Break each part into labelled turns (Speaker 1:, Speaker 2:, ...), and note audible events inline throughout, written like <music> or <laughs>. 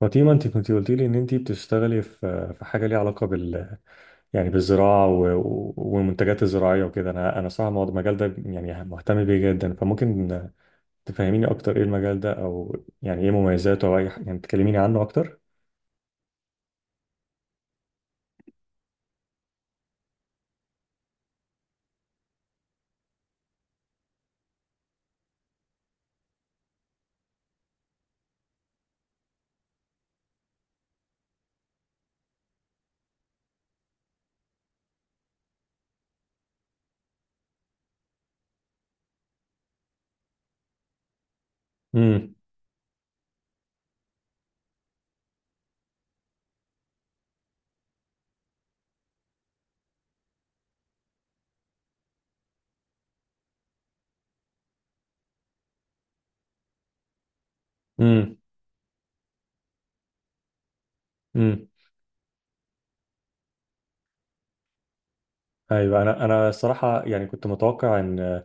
Speaker 1: فاطمة، انت كنت قلت لي ان انت بتشتغلي في حاجة ليها علاقة يعني بالزراعة والمنتجات الزراعية وكده. انا صراحة المجال ده يعني مهتم بيه جدا، فممكن تفهميني اكتر ايه المجال ده او يعني ايه مميزاته او يعني تكلميني عنه اكتر. امم. امم. امم. ايوه، انا الصراحة يعني كنت متوقع ان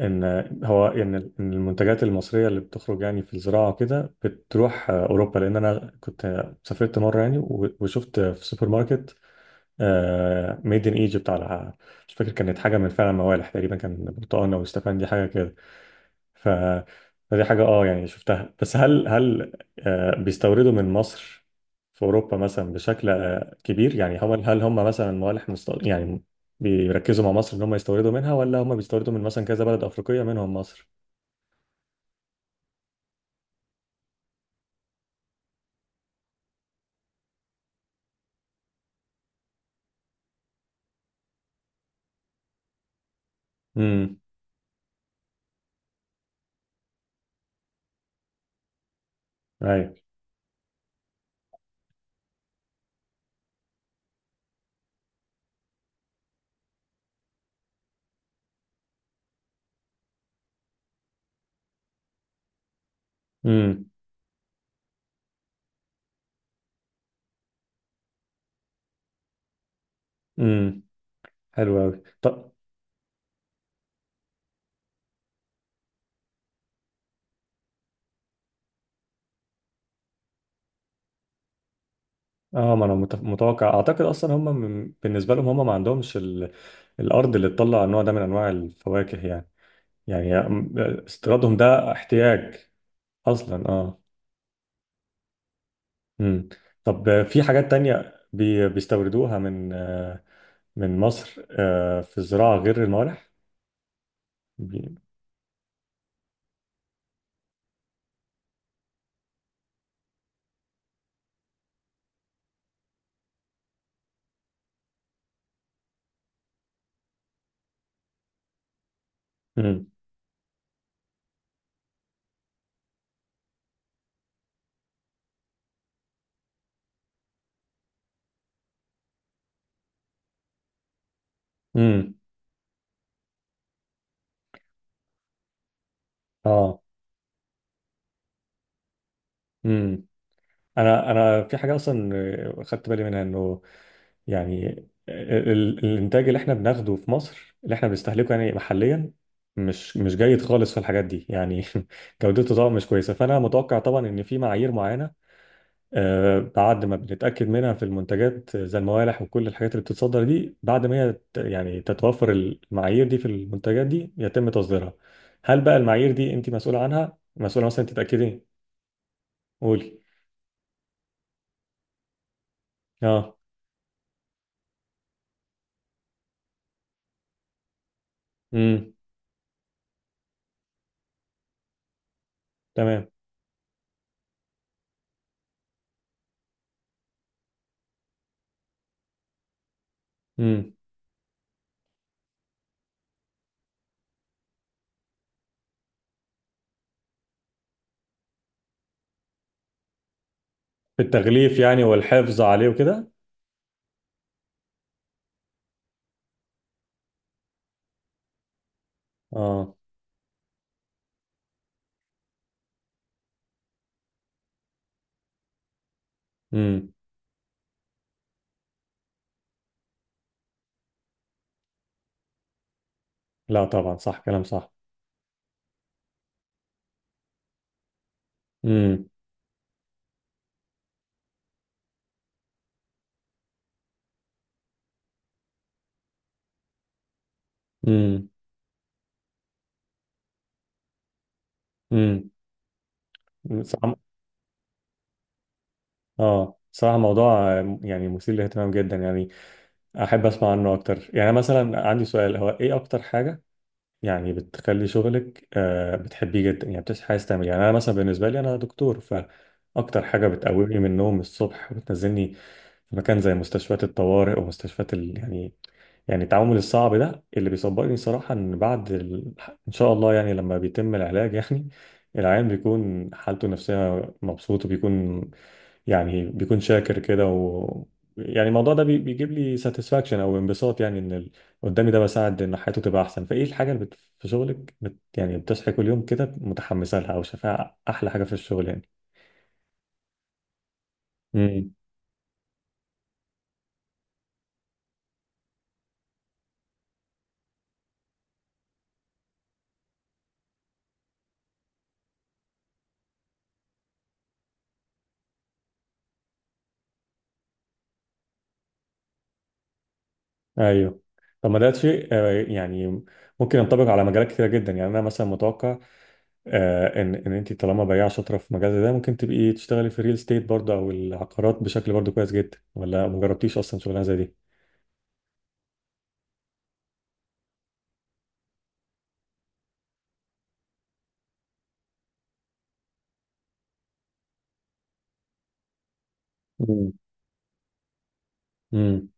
Speaker 1: ان إن المنتجات المصرية اللي بتخرج يعني في الزراعة وكده بتروح اوروبا، لان انا كنت سافرت مرة يعني وشفت في سوبر ماركت ميد ان ايجيبت على، مش فاكر، كانت حاجه من فعلا موالح، تقريبا كان برتقال او استفندي حاجه كده. ف، فدي حاجه اه يعني شفتها. بس هل بيستوردوا من مصر في اوروبا مثلا بشكل كبير؟ يعني هل هم مثلا موالح يعني بيركزوا مع مصر ان هم يستوردوا منها، ولا هم بيستوردوا من مثلا كذا بلد افريقيه منهم مصر؟ امم. ايوه. امم. امم. حلو قوي. اه، ما انا متوقع، اعتقد اصلا هم بالنسبه لهم هم ما عندهمش الارض اللي تطلع النوع ده من انواع الفواكه يعني. يعني استيرادهم ده احتياج اصلا، اه. امم. طب في حاجات تانية بيستوردوها من من مصر في الزراعه غير الموالح؟ بي... امم. امم. اه. امم. انا في حاجه اصلا خدت بالي منها، انه يعني الانتاج اللي احنا بناخده في مصر اللي احنا بنستهلكه يعني محليا مش جيد خالص في الحاجات دي يعني. <laughs> جودته طبعا مش كويسه، فانا متوقع طبعا ان في معايير معينه بعد ما بنتاكد منها في المنتجات زي الموالح وكل الحاجات اللي بتتصدر دي، بعد ما هي يعني تتوفر المعايير دي في المنتجات دي يتم تصديرها. هل بقى المعايير دي انت مسؤوله عنها، مسؤوله مثلا انت تتاكدي؟ قولي. اه. امم. تمام. امم. في التغليف يعني والحفظ عليه وكده. اه. امم. لا طبعا، صح، كلام صح. امم. امم. امم. صراحة، اه، صراحة موضوع يعني مثير للاهتمام جدا يعني، احب اسمع عنه اكتر. يعني مثلا عندي سؤال، هو ايه اكتر حاجة يعني بتخلي شغلك، آه، بتحبيه جدا؟ يعني بتصحي عايز تعمل إيه؟ يعني انا مثلا بالنسبة لي انا دكتور، فاكتر حاجة بتقومني من النوم الصبح وبتنزلني في مكان زي مستشفيات الطوارئ ومستشفيات يعني، يعني التعامل الصعب ده اللي بيصبرني صراحة، ان بعد ان شاء الله يعني لما بيتم العلاج يعني العيان بيكون حالته النفسية مبسوط، وبيكون يعني بيكون شاكر كده، و يعني الموضوع ده بيجيب لي ساتسفاكشن او انبساط، يعني ان ال- قدامي ده بساعد ان حياته تبقى احسن. فايه الحاجة اللي في شغلك يعني بتصحي كل يوم كده متحمسة لها او شايفاها احلى حاجة في الشغل؟ يعني. ايوه. طب ما ده شيء يعني ممكن ينطبق على مجالات كتيره جدا. يعني انا مثلا متوقع ان ان انت طالما بياع شاطره في مجال زي ده، ممكن تبقي تشتغلي في الريل ستيت برضه او العقارات بشكل برضه كويس جدا. ولا ما جربتيش اصلا شغلانه زي دي؟ امم. امم.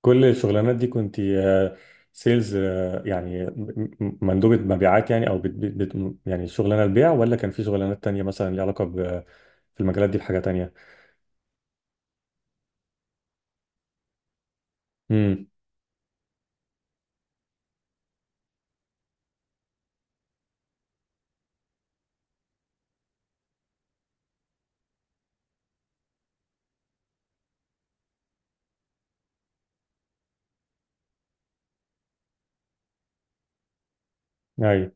Speaker 1: كل الشغلانات دي كنت سيلز؟ يعني مندوبه مبيعات يعني، او يعني شغلانه البيع، ولا كان في شغلانات تانية مثلا ليها علاقه ب- في المجالات دي بحاجه تانية؟ امم. ايوه.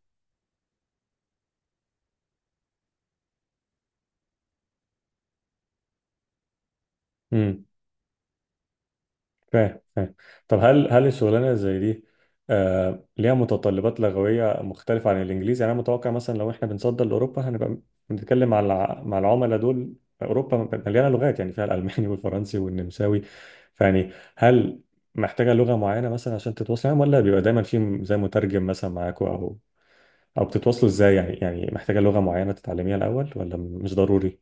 Speaker 1: امم. فاهم فاهم. طب هل الشغلانه زي دي، آه، ليها متطلبات لغويه مختلفه عن الانجليزي؟ يعني انا متوقع مثلا لو احنا بنصدر لاوروبا هنبقى بنتكلم مع مع العملاء دول. اوروبا مليانه لغات يعني، فيها الالماني <laughs> والفرنسي والنمساوي، فيعني هل محتاجه لغه معينه مثلا عشان تتواصل معاهم، ولا بيبقى دايما في زي مترجم مثلا معاكوا، او او بتتواصلوا ازاي يعني؟ يعني محتاجه لغه معينه تتعلميها الاول، ولا مش ضروري؟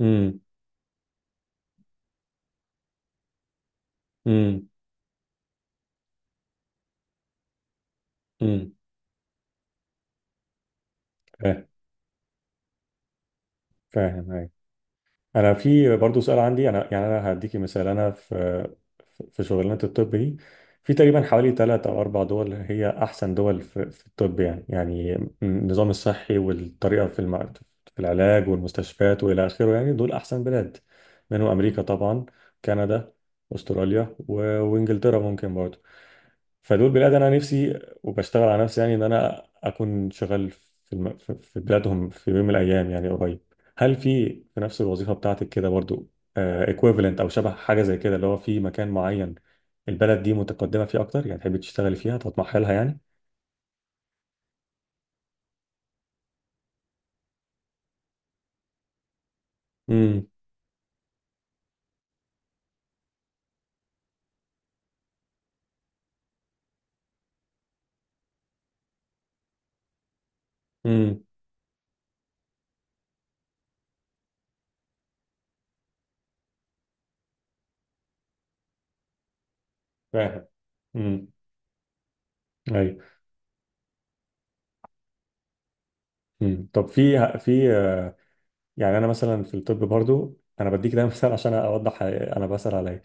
Speaker 1: امم. امم. امم. فاهم فاهم أيوة. انا في برضو سؤال عندي. انا يعني انا هديكي مثال. انا في في شغلانه الطب دي، في تقريبا حوالي ثلاث او اربع دول هي احسن دول في، في الطب، يعني يعني النظام الصحي والطريقه في في العلاج والمستشفيات والى اخره. يعني دول احسن بلاد، منهم امريكا طبعا، كندا، استراليا وانجلترا ممكن برضو. فدول بلاد انا نفسي وبشتغل على نفسي يعني ان انا اكون شغال في في بلادهم في يوم من الايام يعني قريب. هل في في نفس الوظيفه بتاعتك كده برضو ايكويفالنت او شبه حاجه زي كده، اللي هو في مكان معين البلد دي متقدمه فيه اكتر، يعني تحبي تشتغلي فيها تطمحي لها يعني؟ امم. امم. فاهم. امم. ايوه. امم. طب في في يعني، انا مثلا في الطب برضو، انا بديك ده مثال عشان اوضح انا بسال على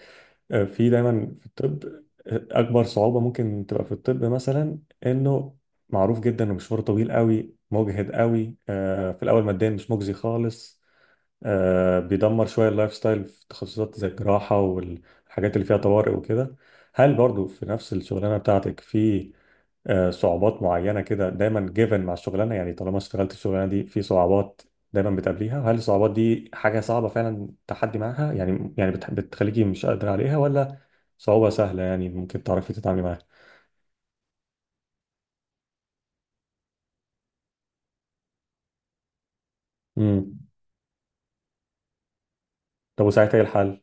Speaker 1: إيه. في دايما في الطب اكبر صعوبه ممكن تبقى في الطب مثلا، انه معروف جدا انه مشوار طويل قوي، مجهد قوي، في الاول ماديا مش مجزي خالص، بيدمر شويه اللايف ستايل في تخصصات زي الجراحه والحاجات اللي فيها طوارئ وكده. هل برضو في نفس الشغلانه بتاعتك في صعوبات معينة كده دايما جيفن مع الشغلانة؟ يعني طالما اشتغلت الشغلانة دي، في صعوبات دايما بتقابليها. هل الصعوبات دي حاجة صعبة فعلا تحدي معاها، يعني يعني بتخليكي مش قادرة عليها، ولا صعوبة سهلة يعني ممكن تعرفي تتعاملي معاها؟ امم. طب وساعتها ايه الحل؟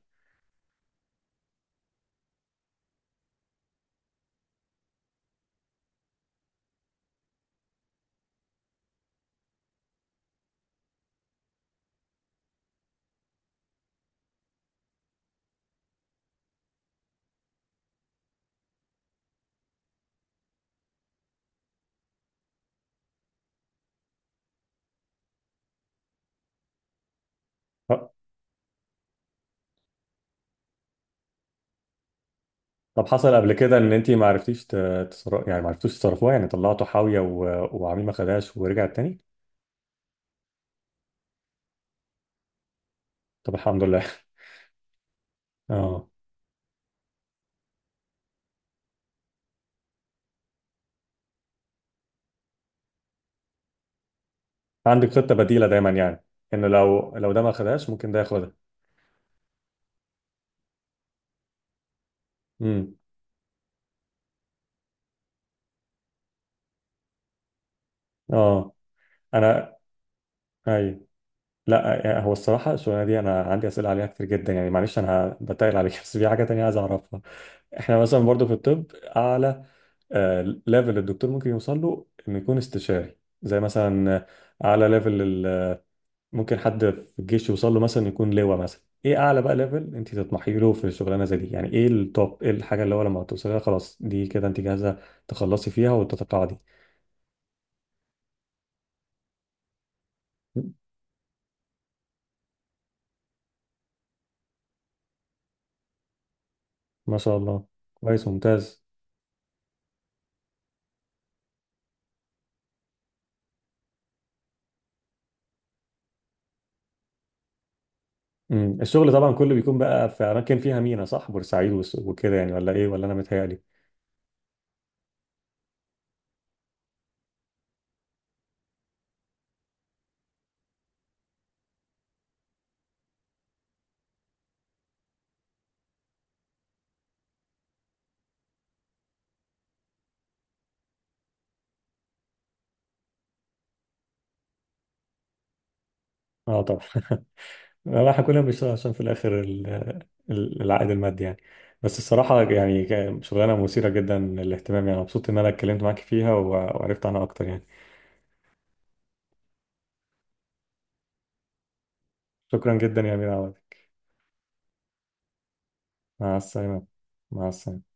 Speaker 1: أه. طب حصل قبل كده ان انت ما عرفتيش يعني ما عرفتوش تصرفوها، يعني طلعتوا حاوية وعميل ما خدهاش ورجعت تاني؟ طب الحمد لله. <laughs> اه. عندك خطة بديلة دايما يعني، ان لو ده ما خدهاش ممكن ده ياخدها. امم. اه. انا. ايوه. لا، هو الصراحه الشغلانه دي انا عندي اسئله عليها كتير جدا، يعني معلش انا بتقل عليك <laughs> بس في حاجه تانية عايز اعرفها. احنا مثلا برضو في الطب، اعلى ليفل الدكتور ممكن يوصل له انه يكون استشاري زي مثلا، اعلى ليفل ممكن حد في الجيش يوصل له مثلا يكون لواء مثلا. ايه اعلى بقى ليفل انت تطمحي له في الشغلانه زي دي؟ يعني ايه التوب، ايه الحاجه اللي هو لما توصلي لها خلاص دي كده انت جاهزه تخلصي فيها وتتقاعدي؟ ما شاء الله. كويس، ممتاز. مم. الشغل طبعا كله بيكون بقى في اماكن فيها مينا، صح؟ بورسعيد وكده يعني، ولا ايه، ولا انا متهيألي؟ اه طبعا. <laughs> لا، احنا كلنا بنشتغل عشان في الاخر العائد المادي يعني. بس الصراحه يعني كان شغلانه مثيره جدا للاهتمام، يعني مبسوط ان انا اتكلمت معاك فيها وعرفت عنها اكتر يعني. شكرا جدا يا امير عوض. مع السلامه. مع السلامه.